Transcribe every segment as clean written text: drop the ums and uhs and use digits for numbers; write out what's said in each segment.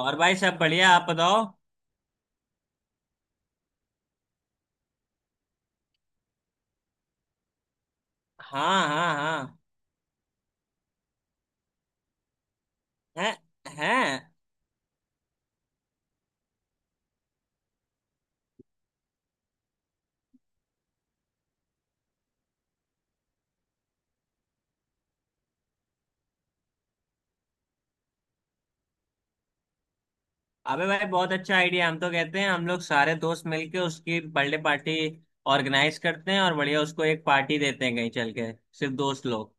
और भाई सब बढ़िया। आप बताओ। हाँ हाँ हाँ। हैं। हैं। अबे भाई बहुत अच्छा आइडिया। हम तो कहते हैं हम लोग सारे दोस्त मिलके उसकी बर्थडे पार्टी ऑर्गेनाइज करते हैं और बढ़िया उसको एक पार्टी देते हैं कहीं चल के। सिर्फ दोस्त लोग।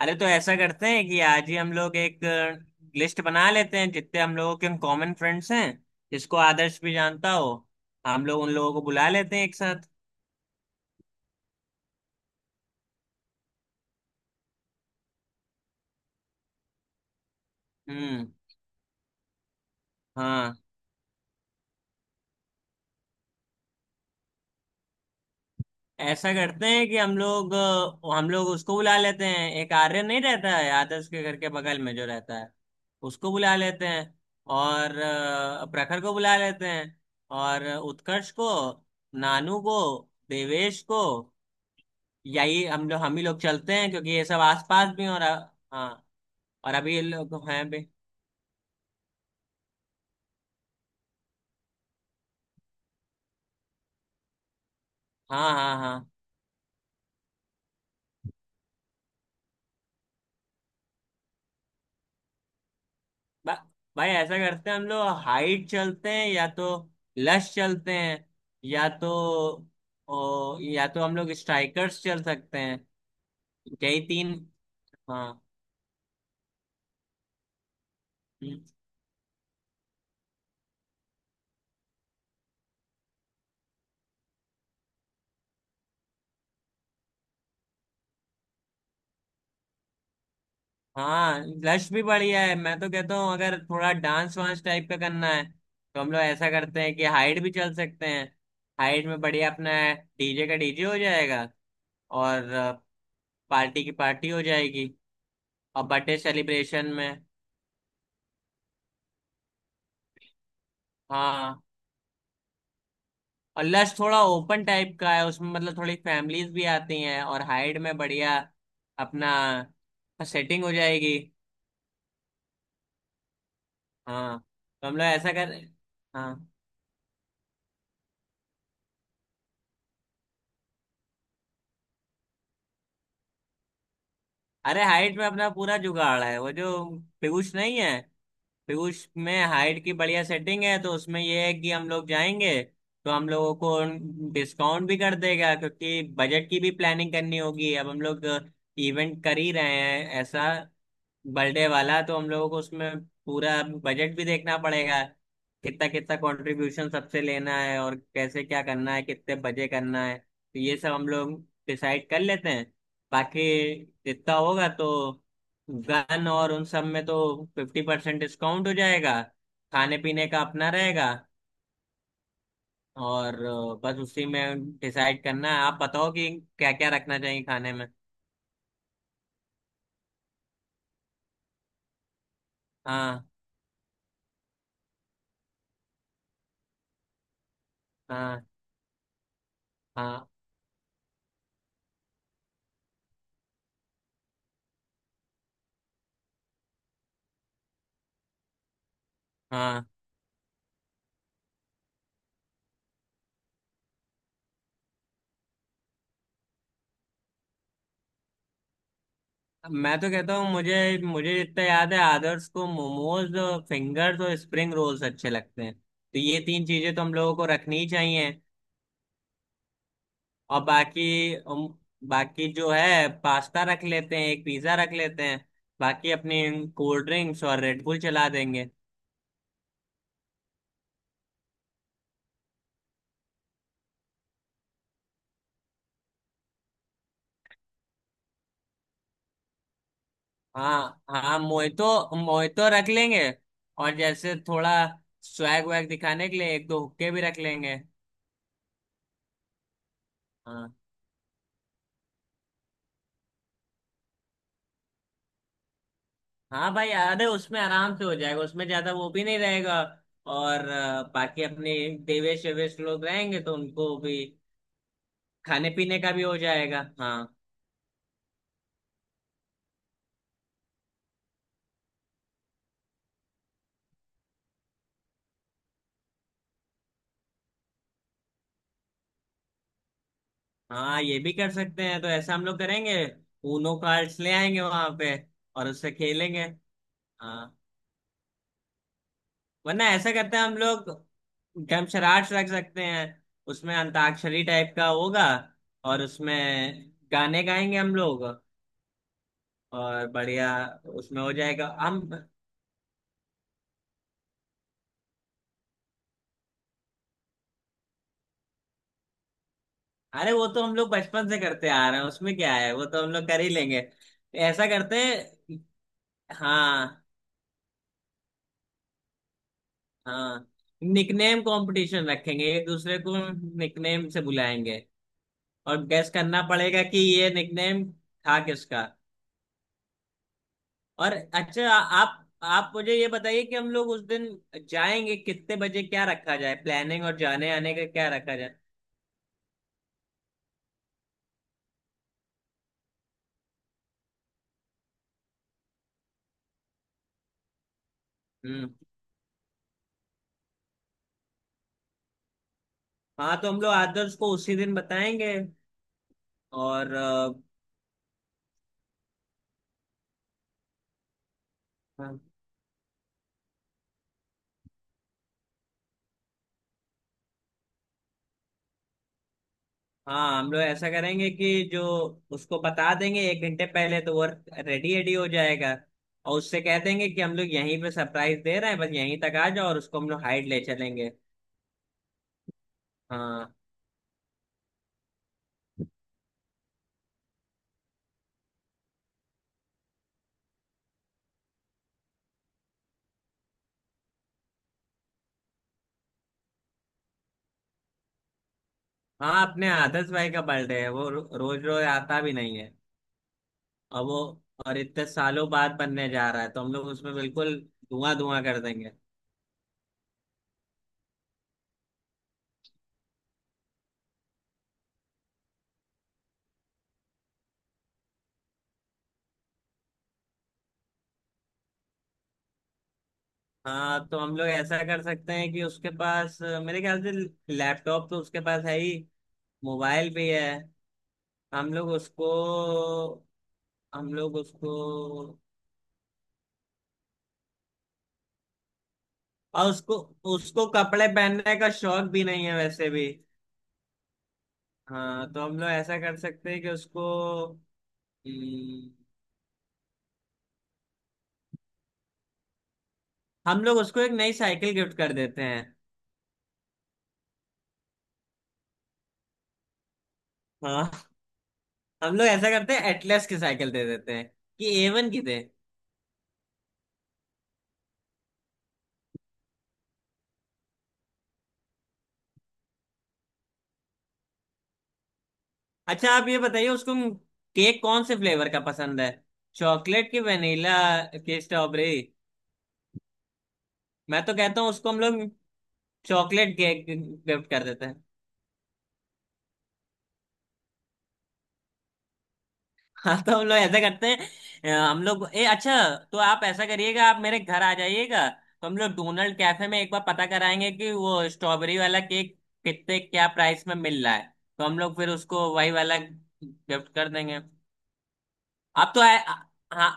अरे तो ऐसा करते हैं कि आज ही हम लोग एक लिस्ट बना लेते हैं जितने हम लोगों के कॉमन फ्रेंड्स हैं जिसको आदर्श भी जानता हो। हम लोग उन लोगों को बुला लेते हैं एक साथ। हम्म। हाँ। ऐसा करते हैं कि हम लोग, हम लोग उसको बुला लेते हैं। एक आर्यन नहीं रहता है आदर्श के घर के बगल में जो रहता है, उसको बुला लेते हैं। और प्रखर को बुला लेते हैं। और उत्कर्ष को। नानू को। देवेश को। यही हम लोग हम ही लोग चलते हैं, क्योंकि ये सब आसपास भी हैं। और हाँ, और अभी ये लोग हैं भी। हाँ हाँ हाँ। बा, भाई, ऐसा करते हैं हम लोग हाइट चलते हैं, या तो लश चलते हैं, या तो या तो हम लोग स्ट्राइकर्स चल सकते हैं। यही तीन। हाँ। हम्म, हाँ, लश भी बढ़िया है। मैं तो कहता हूँ अगर थोड़ा डांस वांस टाइप का करना है तो हम लोग ऐसा करते हैं कि हाइट भी चल सकते हैं। हाइट में बढ़िया अपना डीजे का डीजे हो जाएगा, और पार्टी की पार्टी हो जाएगी, और बर्थडे सेलिब्रेशन में। हाँ, और लश थोड़ा ओपन टाइप का है, उसमें मतलब थोड़ी फैमिलीज भी आती हैं, और हाइड में बढ़िया अपना सेटिंग हो जाएगी। हाँ, तो हम लोग ऐसा कर। हाँ। अरे हाइट में अपना पूरा जुगाड़ है। वो जो पीयूष नहीं है, पीयूष में हाइट की बढ़िया सेटिंग है, तो उसमें ये है कि हम लोग जाएंगे तो हम लोगों को डिस्काउंट भी कर देगा, क्योंकि बजट की भी प्लानिंग करनी होगी। अब हम लोग इवेंट कर ही रहे हैं ऐसा बर्थडे वाला, तो हम लोगों को उसमें पूरा बजट भी देखना पड़ेगा। कितना कितना कंट्रीब्यूशन सबसे लेना है, और कैसे क्या करना है, कितने बजे करना है, तो ये सब हम लोग डिसाइड कर लेते हैं। बाकी जितना होगा तो गन और उन सब में तो 50% डिस्काउंट हो जाएगा। खाने पीने का अपना रहेगा। और बस उसी में डिसाइड करना है। आप बताओ कि क्या क्या रखना चाहिए खाने में। हाँ। हाँ हाँ हाँ। मैं तो कहता हूँ, मुझे मुझे जितना याद है आदर्श को मोमोज, फिंगर्स और स्प्रिंग रोल्स अच्छे लगते हैं, तो ये तीन चीजें तो हम लोगों को रखनी ही चाहिए। और बाकी जो है पास्ता रख लेते हैं, एक पिज्जा रख लेते हैं। बाकी अपनी कोल्ड ड्रिंक्स और रेड बुल चला देंगे। हाँ। हाँ, मोहितो, मोहितो रख लेंगे। और जैसे थोड़ा स्वैग वैग दिखाने के लिए एक दो हुक्के भी रख लेंगे। हाँ। हाँ भाई, अरे उसमें आराम से हो जाएगा, उसमें ज्यादा वो भी नहीं रहेगा। और बाकी अपने देवेश वेवेश लोग रहेंगे तो उनको भी खाने पीने का भी हो जाएगा। हाँ। हाँ, ये भी कर सकते हैं, तो ऐसा हम लोग करेंगे ऊनो कार्ड्स ले आएंगे वहां पे, और उससे खेलेंगे। हाँ। वरना ऐसा करते हैं हम लोग डमशराट रख सकते हैं। उसमें अंताक्षरी टाइप का होगा, और उसमें गाने गाएंगे हम लोग, और बढ़िया उसमें हो जाएगा हम। अरे वो तो हम लोग बचपन से करते आ रहे हैं, उसमें क्या है, वो तो हम लोग कर ही लेंगे। ऐसा करते हैं। हाँ। हाँ। निकनेम कंपटीशन रखेंगे, एक दूसरे को निकनेम से बुलाएंगे, और गैस करना पड़ेगा कि ये निकनेम था किसका। और अच्छा, आप मुझे ये बताइए कि हम लोग उस दिन जाएंगे कितने बजे, क्या रखा जाए प्लानिंग, और जाने आने का क्या रखा जाए। हम्म। हाँ, तो हम लोग आदर्श को उसी दिन बताएंगे। और हाँ, हम लोग ऐसा करेंगे कि जो उसको बता देंगे 1 घंटे पहले तो वो रेडी रेडी हो जाएगा, और उससे कह देंगे कि हम लोग यहीं पे सरप्राइज दे रहे हैं, बस यहीं तक आ जाओ, और उसको हम लोग हाइड ले चलेंगे। हाँ हाँ। अपने आदर्श भाई का बर्थडे है, वो रोज रोज आता भी नहीं है। और वो, और इतने सालों बाद बनने जा रहा है तो हम लोग उसमें बिल्कुल धुआं धुआं कर देंगे। हाँ, तो हम लोग ऐसा कर सकते हैं कि उसके पास, मेरे ख्याल से लैपटॉप तो उसके पास है ही, मोबाइल भी है। हम लोग उसको, हम लोग उसको, और उसको उसको कपड़े पहनने का शौक भी नहीं है वैसे भी। हाँ, तो हम लोग ऐसा कर सकते हैं कि उसको, हम्म, हम लोग उसको एक नई साइकिल गिफ्ट कर देते हैं। हाँ, हम लोग ऐसा करते हैं एटलस की साइकिल दे देते हैं, कि एवन की दे। अच्छा, आप ये बताइए उसको केक कौन से फ्लेवर का पसंद है? चॉकलेट की वनीला की स्ट्रॉबेरी? मैं तो कहता हूँ उसको हम लोग चॉकलेट केक गिफ्ट कर देते हैं। हाँ, तो हम लोग ऐसा करते हैं, हम लोग ए अच्छा, तो आप ऐसा करिएगा आप मेरे घर आ जाइएगा तो हम लोग डोनाल्ड कैफे में एक बार पता कराएंगे कि वो स्ट्रॉबेरी वाला केक कितने क्या प्राइस में मिल रहा है, तो हम लोग फिर उसको वही वाला गिफ्ट कर देंगे। आप तो हाँ।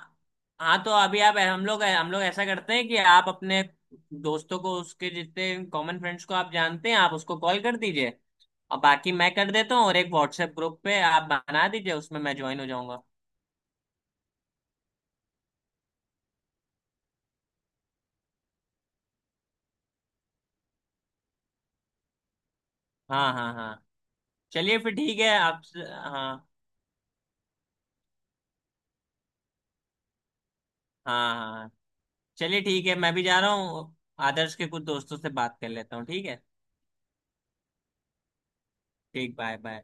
हाँ, तो अभी आप, हम लोग ऐसा करते हैं कि आप अपने दोस्तों को, उसके जितने कॉमन फ्रेंड्स को आप जानते हैं, आप उसको कॉल कर दीजिए, और बाकी मैं कर देता हूँ, और एक व्हाट्सएप ग्रुप पे आप बना दीजिए, उसमें मैं ज्वाइन हो जाऊंगा। हाँ हाँ हाँ। चलिए फिर ठीक है आप। हाँ। हाँ हाँ चलिए ठीक है, मैं भी जा रहा हूँ, आदर्श के कुछ दोस्तों से बात कर लेता हूँ, ठीक है। ठीक, बाय बाय।